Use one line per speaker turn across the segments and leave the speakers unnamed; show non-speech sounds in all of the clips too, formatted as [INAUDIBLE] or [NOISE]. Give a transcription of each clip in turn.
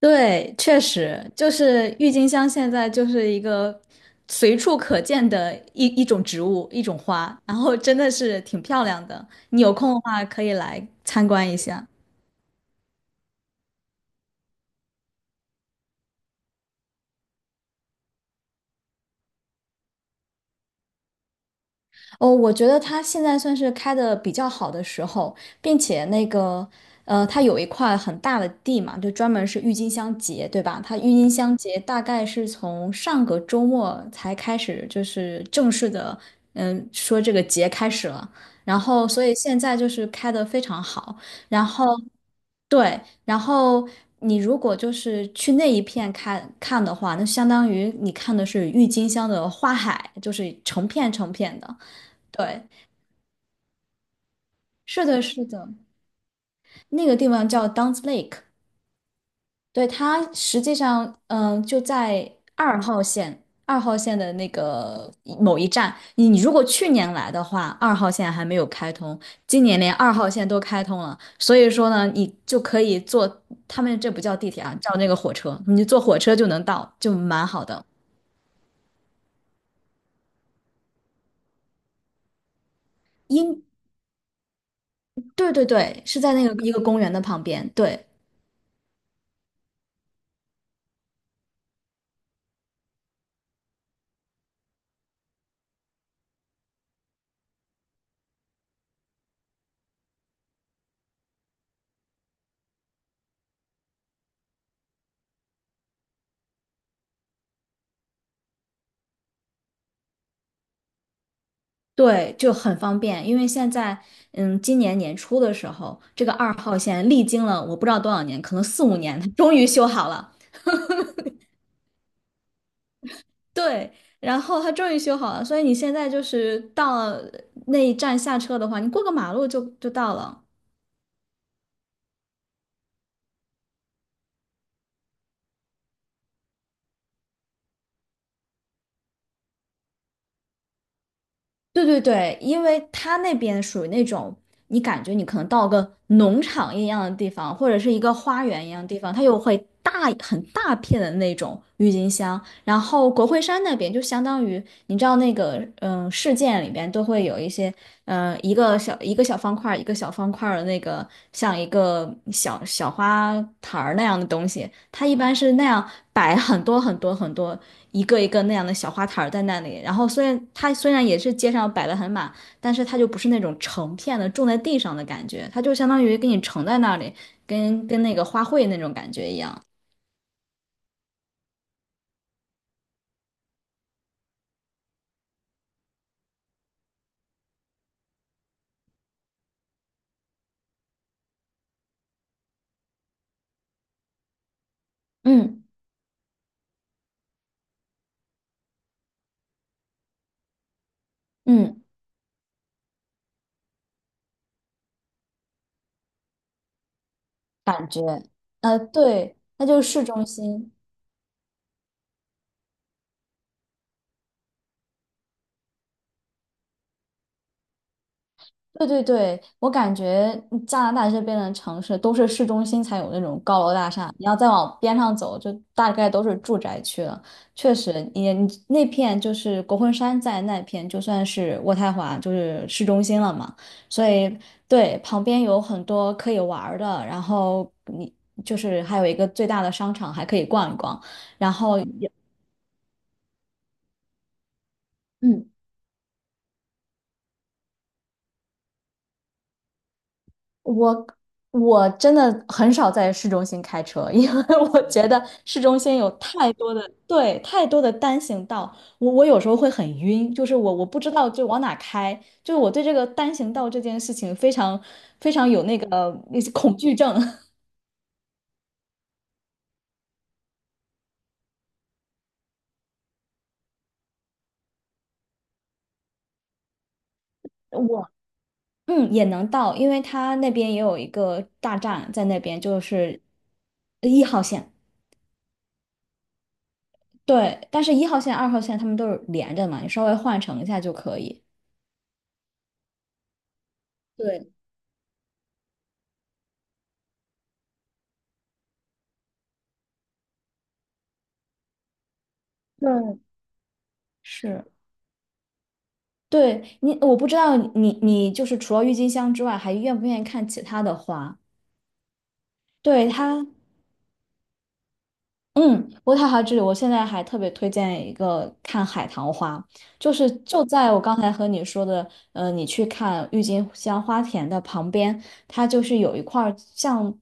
对，确实就是郁金香，现在就是一个随处可见的一种植物，一种花，然后真的是挺漂亮的。你有空的话可以来参观一下。哦，我觉得它现在算是开的比较好的时候，并且那个，它有一块很大的地嘛，就专门是郁金香节，对吧？它郁金香节大概是从上个周末才开始，就是正式的，说这个节开始了。然后，所以现在就是开的非常好。然后，对，然后你如果就是去那一片看看的话，那相当于你看的是郁金香的花海，就是成片成片的。对，是的，是的，那个地方叫 d u n c e Lake，对，它实际上，就在二号线的那个某一站。你如果去年来的话，二号线还没有开通，今年连二号线都开通了，所以说呢，你就可以坐，他们这不叫地铁啊，叫那个火车，你就坐火车就能到，就蛮好的。因，对对对，是在那个一个公园的旁边，对。对，就很方便，因为现在，今年年初的时候，这个二号线历经了我不知道多少年，可能四五年，它终于修好了。对，然后它终于修好了，所以你现在就是到了那一站下车的话，你过个马路就到了。对对对，因为它那边属于那种，你感觉你可能到个农场一样的地方，或者是一个花园一样的地方，它又会很大片的那种郁金香。然后国会山那边就相当于，你知道那个事件里边都会有一些一个小方块儿的那个像一个小小花坛儿那样的东西，它一般是那样摆很多很多很多。一个一个那样的小花坛在那里。然后虽然它也是街上摆的很满，但是它就不是那种成片的种在地上的感觉，它就相当于给你盛在那里，跟那个花卉那种感觉一样。嗯嗯，感觉，对，它就是市中心。对对对，我感觉加拿大这边的城市都是市中心才有那种高楼大厦，你要再往边上走，就大概都是住宅区了。确实，你那片就是国会山在那片，就算是渥太华就是市中心了嘛，所以对，旁边有很多可以玩儿的，然后你就是还有一个最大的商场还可以逛一逛，然后也。嗯。我我真的很少在市中心开车，因为 [LAUGHS] 我觉得市中心有太多的，对，太多的单行道，我有时候会很晕，就是我不知道就往哪开，就是我对这个单行道这件事情非常非常有那些恐惧症。[LAUGHS] 我也能到，因为它那边也有一个大站在那边，就是一号线，对，但是一号线、二号线他们都是连着嘛，你稍微换乘一下就可以。对，嗯，是。对我不知道你就是除了郁金香之外，还愿不愿意看其他的花？对渥太华之旅，我现在还特别推荐一个看海棠花，就是在我刚才和你说的，你去看郁金香花田的旁边，它就是有一块儿像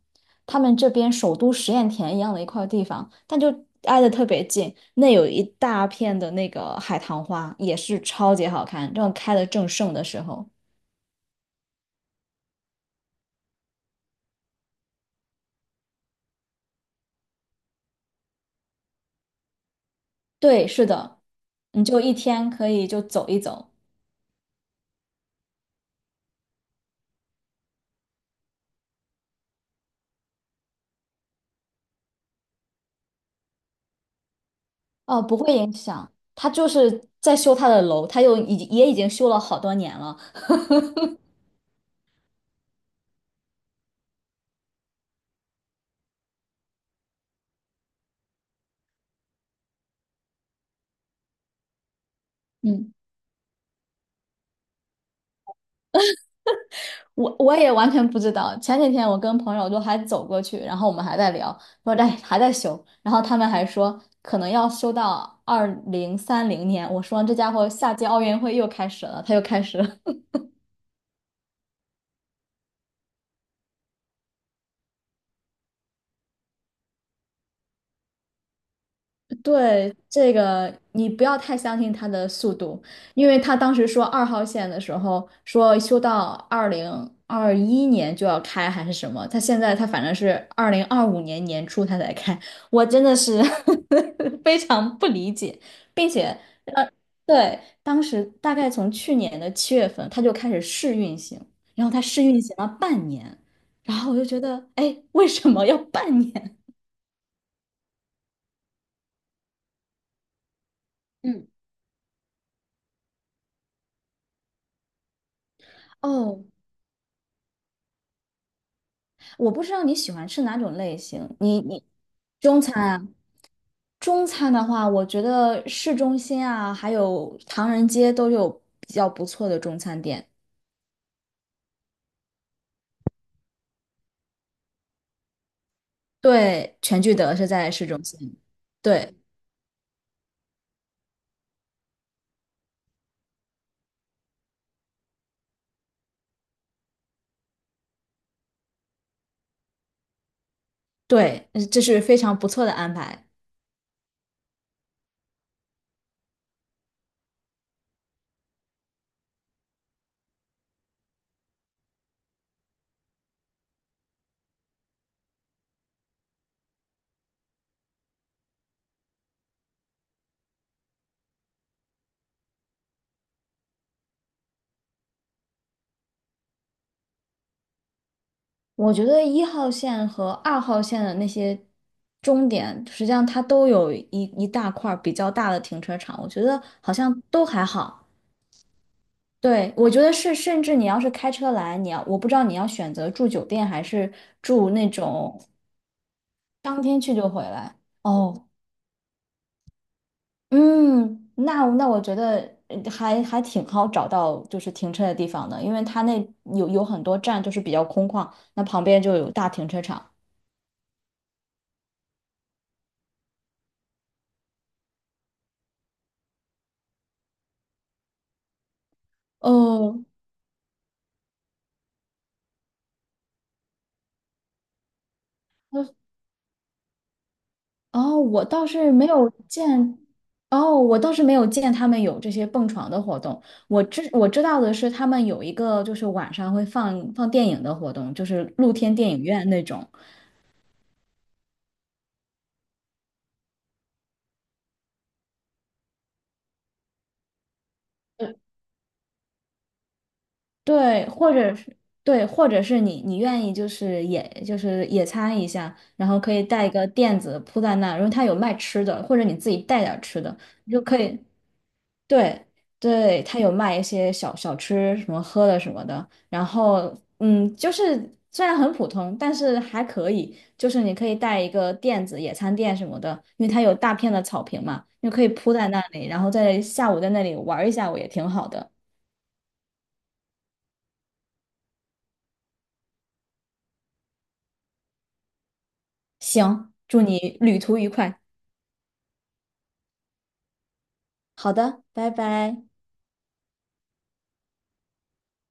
他们这边首都实验田一样的一块地方，但就挨得特别近，那有一大片的那个海棠花，也是超级好看，正开得正盛的时候。对，是的，你就一天可以就走一走，哦，不会影响。他就是在修他的楼，他又已经也已经修了好多年了。嗯，我也完全不知道。前几天我跟朋友就还走过去，然后我们还在聊，说哎还在修，然后他们还说可能要修到2030年。我说这家伙下届奥运会又开始了，他又开始了。对，这个你不要太相信他的速度，因为他当时说二号线的时候说修到2021年就要开还是什么，他现在他反正是2025年年初他才开，我真的是 [LAUGHS] 非常不理解，并且呃，对，当时大概从去年的7月份他就开始试运行，然后他试运行了半年，然后我就觉得，哎，为什么要半年？嗯，哦，我不知道你喜欢吃哪种类型，你中餐啊，中餐的话，我觉得市中心啊，还有唐人街都有比较不错的中餐店。对，全聚德是在市中心。对对，这是非常不错的安排。我觉得一号线和二号线的那些终点，实际上它都有一大块儿比较大的停车场，我觉得好像都还好。对，我觉得是，甚至你要是开车来，你要，我不知道你要选择住酒店还是住那种当天去就回来。哦，嗯，那我觉得还挺好找到就是停车的地方的，因为它那有很多站就是比较空旷，那旁边就有大停车场。哦，哦，我倒是没有见他们有这些蹦床的活动。我知道的是，他们有一个就是晚上会放电影的活动，就是露天电影院那种。呃，对，或者是对，或者是你愿意就是野餐一下，然后可以带一个垫子铺在那儿，然后他有卖吃的，或者你自己带点儿吃的，你就可以。对对，他有卖一些小吃，什么喝的什么的。然后，就是虽然很普通，但是还可以。就是你可以带一个垫子、野餐垫什么的，因为它有大片的草坪嘛，你可以铺在那里，然后在下午在那里玩一下午也挺好的。行，祝你旅途愉快。好的，拜拜。